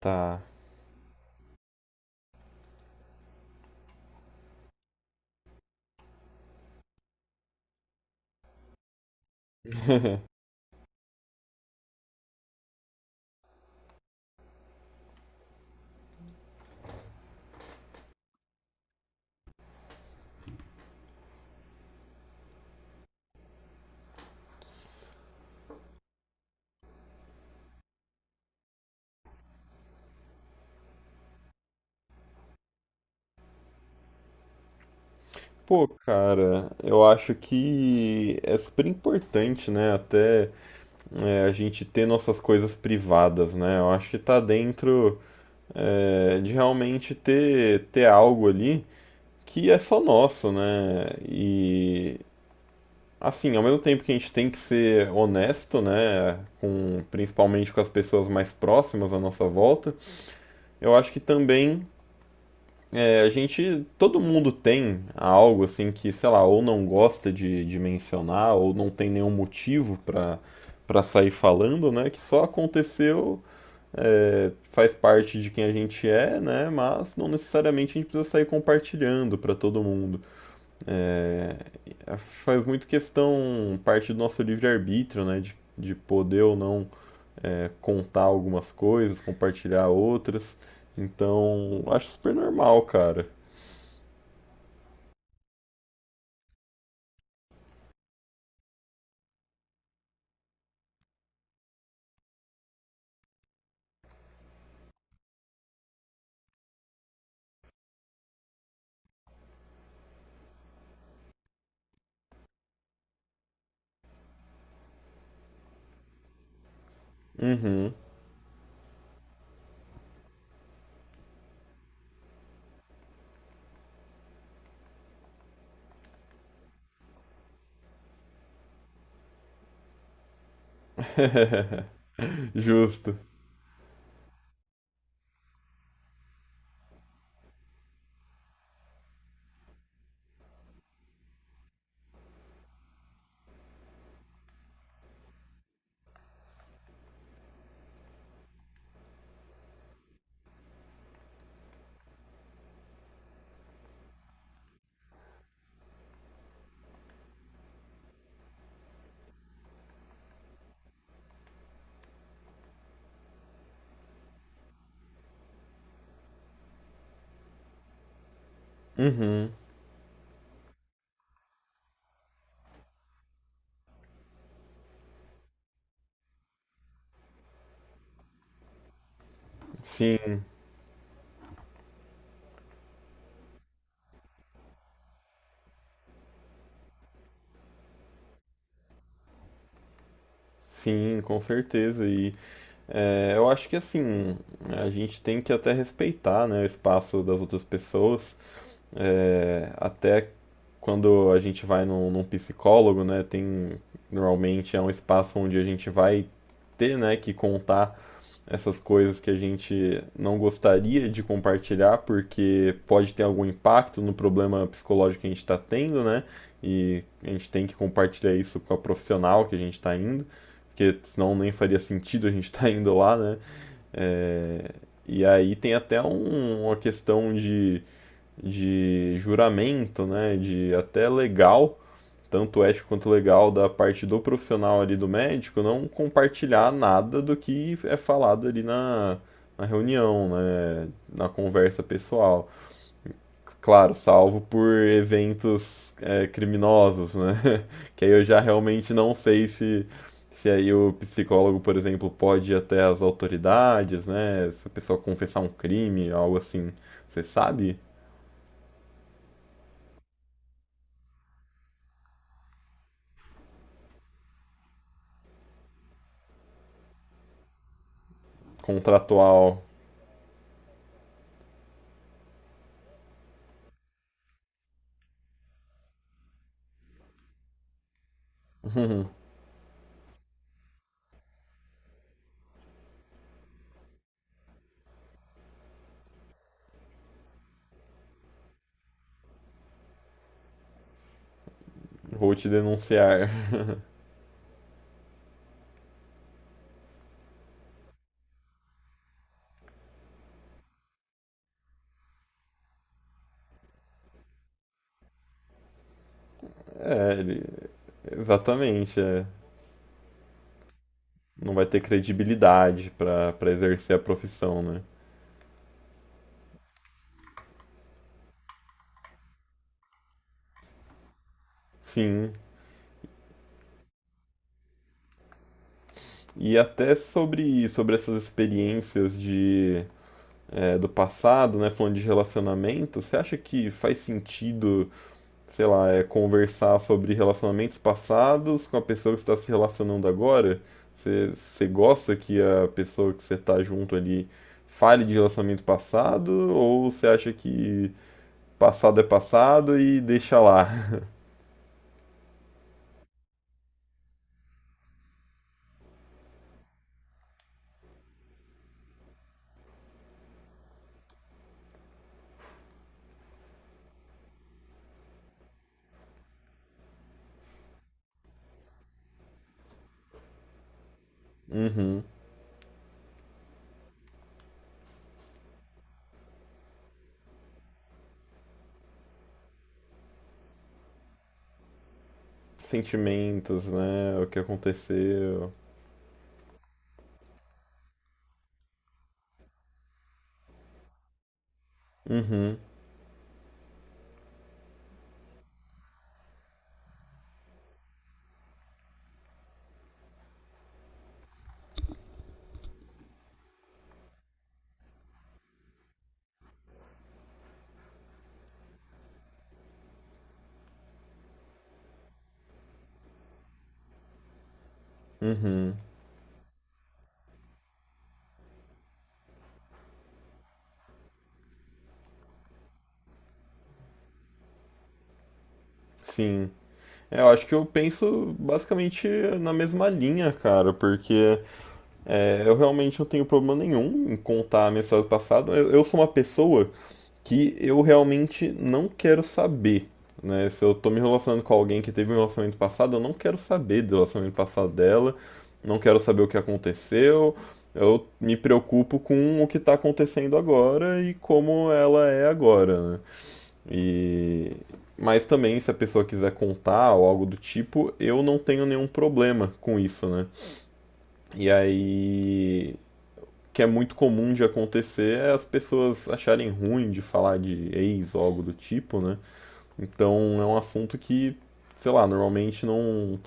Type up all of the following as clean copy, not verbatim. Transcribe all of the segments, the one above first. Tá. Pô, cara, eu acho que é super importante, né? Até a gente ter nossas coisas privadas, né? Eu acho que tá dentro de realmente ter algo ali que é só nosso, né? E assim, ao mesmo tempo que a gente tem que ser honesto, né? Com, principalmente com as pessoas mais próximas à nossa volta, eu acho que também a gente, todo mundo tem algo assim que, sei lá, ou não gosta de mencionar, ou não tem nenhum motivo pra para sair falando, né? Que só aconteceu, faz parte de quem a gente é, né? Mas não necessariamente a gente precisa sair compartilhando pra todo mundo. É, Faz muito questão parte do nosso livre-arbítrio, né? De poder ou não contar algumas coisas, compartilhar outras. Então, acho super normal, cara. Uhum. Justo. Uhum, sim, sim, com certeza. E eu acho que assim, a gente tem que até respeitar, né, o espaço das outras pessoas. Até quando a gente vai num psicólogo, né, tem normalmente é um espaço onde a gente vai ter, né, que contar essas coisas que a gente não gostaria de compartilhar, porque pode ter algum impacto no problema psicológico que a gente está tendo, né? E a gente tem que compartilhar isso com a profissional que a gente está indo, porque senão nem faria sentido a gente estar indo lá, né? É, E aí tem até uma questão de juramento, né? De até legal, tanto ético quanto legal, da parte do profissional ali do médico não compartilhar nada do que é falado ali na reunião, né, na conversa pessoal. Claro, salvo por eventos criminosos, né? Que aí eu já realmente não sei se aí o psicólogo, por exemplo, pode ir até as autoridades, né? Se a pessoa confessar um crime, algo assim. Você sabe? Contratual, vou te denunciar. É, ele- Exatamente, é. Não vai ter credibilidade para exercer a profissão, né? Sim. E até sobre essas experiências de, do passado, né? Falando de relacionamento, você acha que faz sentido, sei lá, conversar sobre relacionamentos passados com a pessoa que está se relacionando agora? Você gosta que a pessoa que você está junto ali fale de relacionamento passado? Ou você acha que passado é passado e deixa lá? Uhum. Sentimentos, né? O que aconteceu. Uhum, sim. Eu acho que eu penso basicamente na mesma linha, cara, porque eu realmente não tenho problema nenhum em contar minhas história do passado. Eu sou uma pessoa que eu realmente não quero saber, né? Se eu tô me relacionando com alguém que teve um relacionamento passado, eu não quero saber do relacionamento passado dela, não quero saber o que aconteceu. Eu me preocupo com o que tá acontecendo agora e como ela é agora, né? E mas também se a pessoa quiser contar ou algo do tipo, eu não tenho nenhum problema com isso, né? E aí, que é muito comum de acontecer, é as pessoas acharem ruim de falar de ex ou algo do tipo, né? Então é um assunto que, sei lá, normalmente não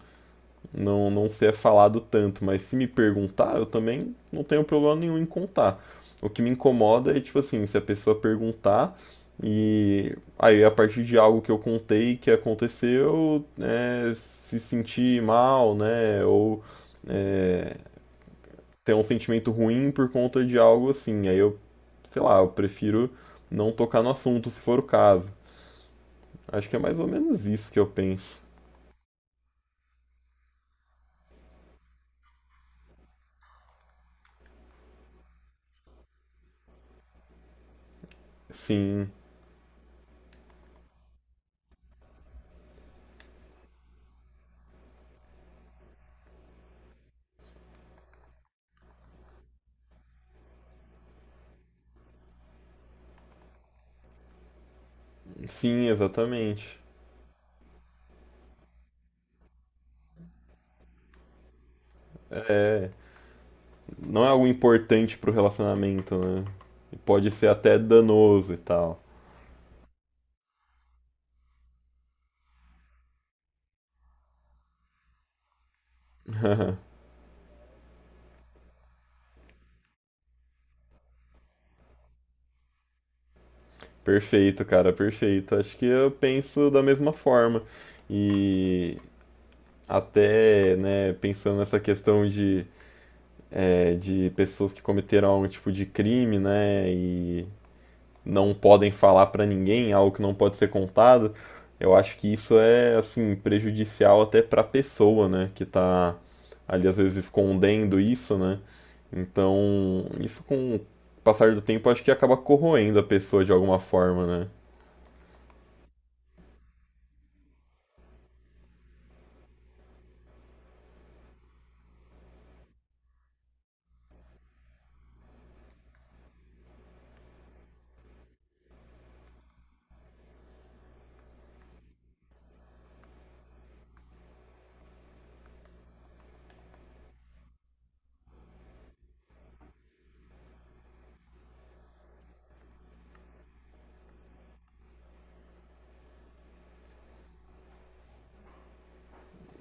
não, não ser falado tanto, mas se me perguntar, eu também não tenho problema nenhum em contar. O que me incomoda é, tipo assim, se a pessoa perguntar e aí, a partir de algo que eu contei que aconteceu, né, se sentir mal, né, ou é, ter um sentimento ruim por conta de algo assim. Aí eu, sei lá, eu prefiro não tocar no assunto se for o caso. Acho que é mais ou menos isso que eu penso. Sim, sim, exatamente. É, não é algo importante pro relacionamento, né? Pode ser até danoso e tal. Perfeito, cara, perfeito. Acho que eu penso da mesma forma. E até, né, pensando nessa questão de, de pessoas que cometeram algum tipo de crime, né, e não podem falar para ninguém, algo que não pode ser contado, eu acho que isso é assim prejudicial até para a pessoa, né, que está ali às vezes escondendo isso, né? Então, isso com o passar do tempo acho que acaba corroendo a pessoa de alguma forma, né?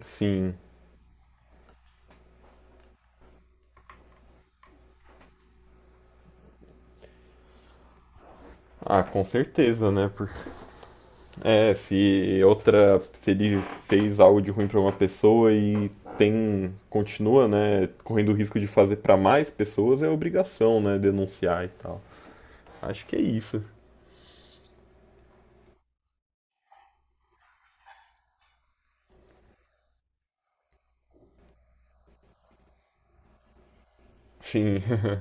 Sim. Ah, com certeza, né? Se ele fez algo de ruim para uma pessoa e tem, continua, né, correndo o risco de fazer para mais pessoas, é obrigação, né, denunciar e tal. Acho que é isso. Sim.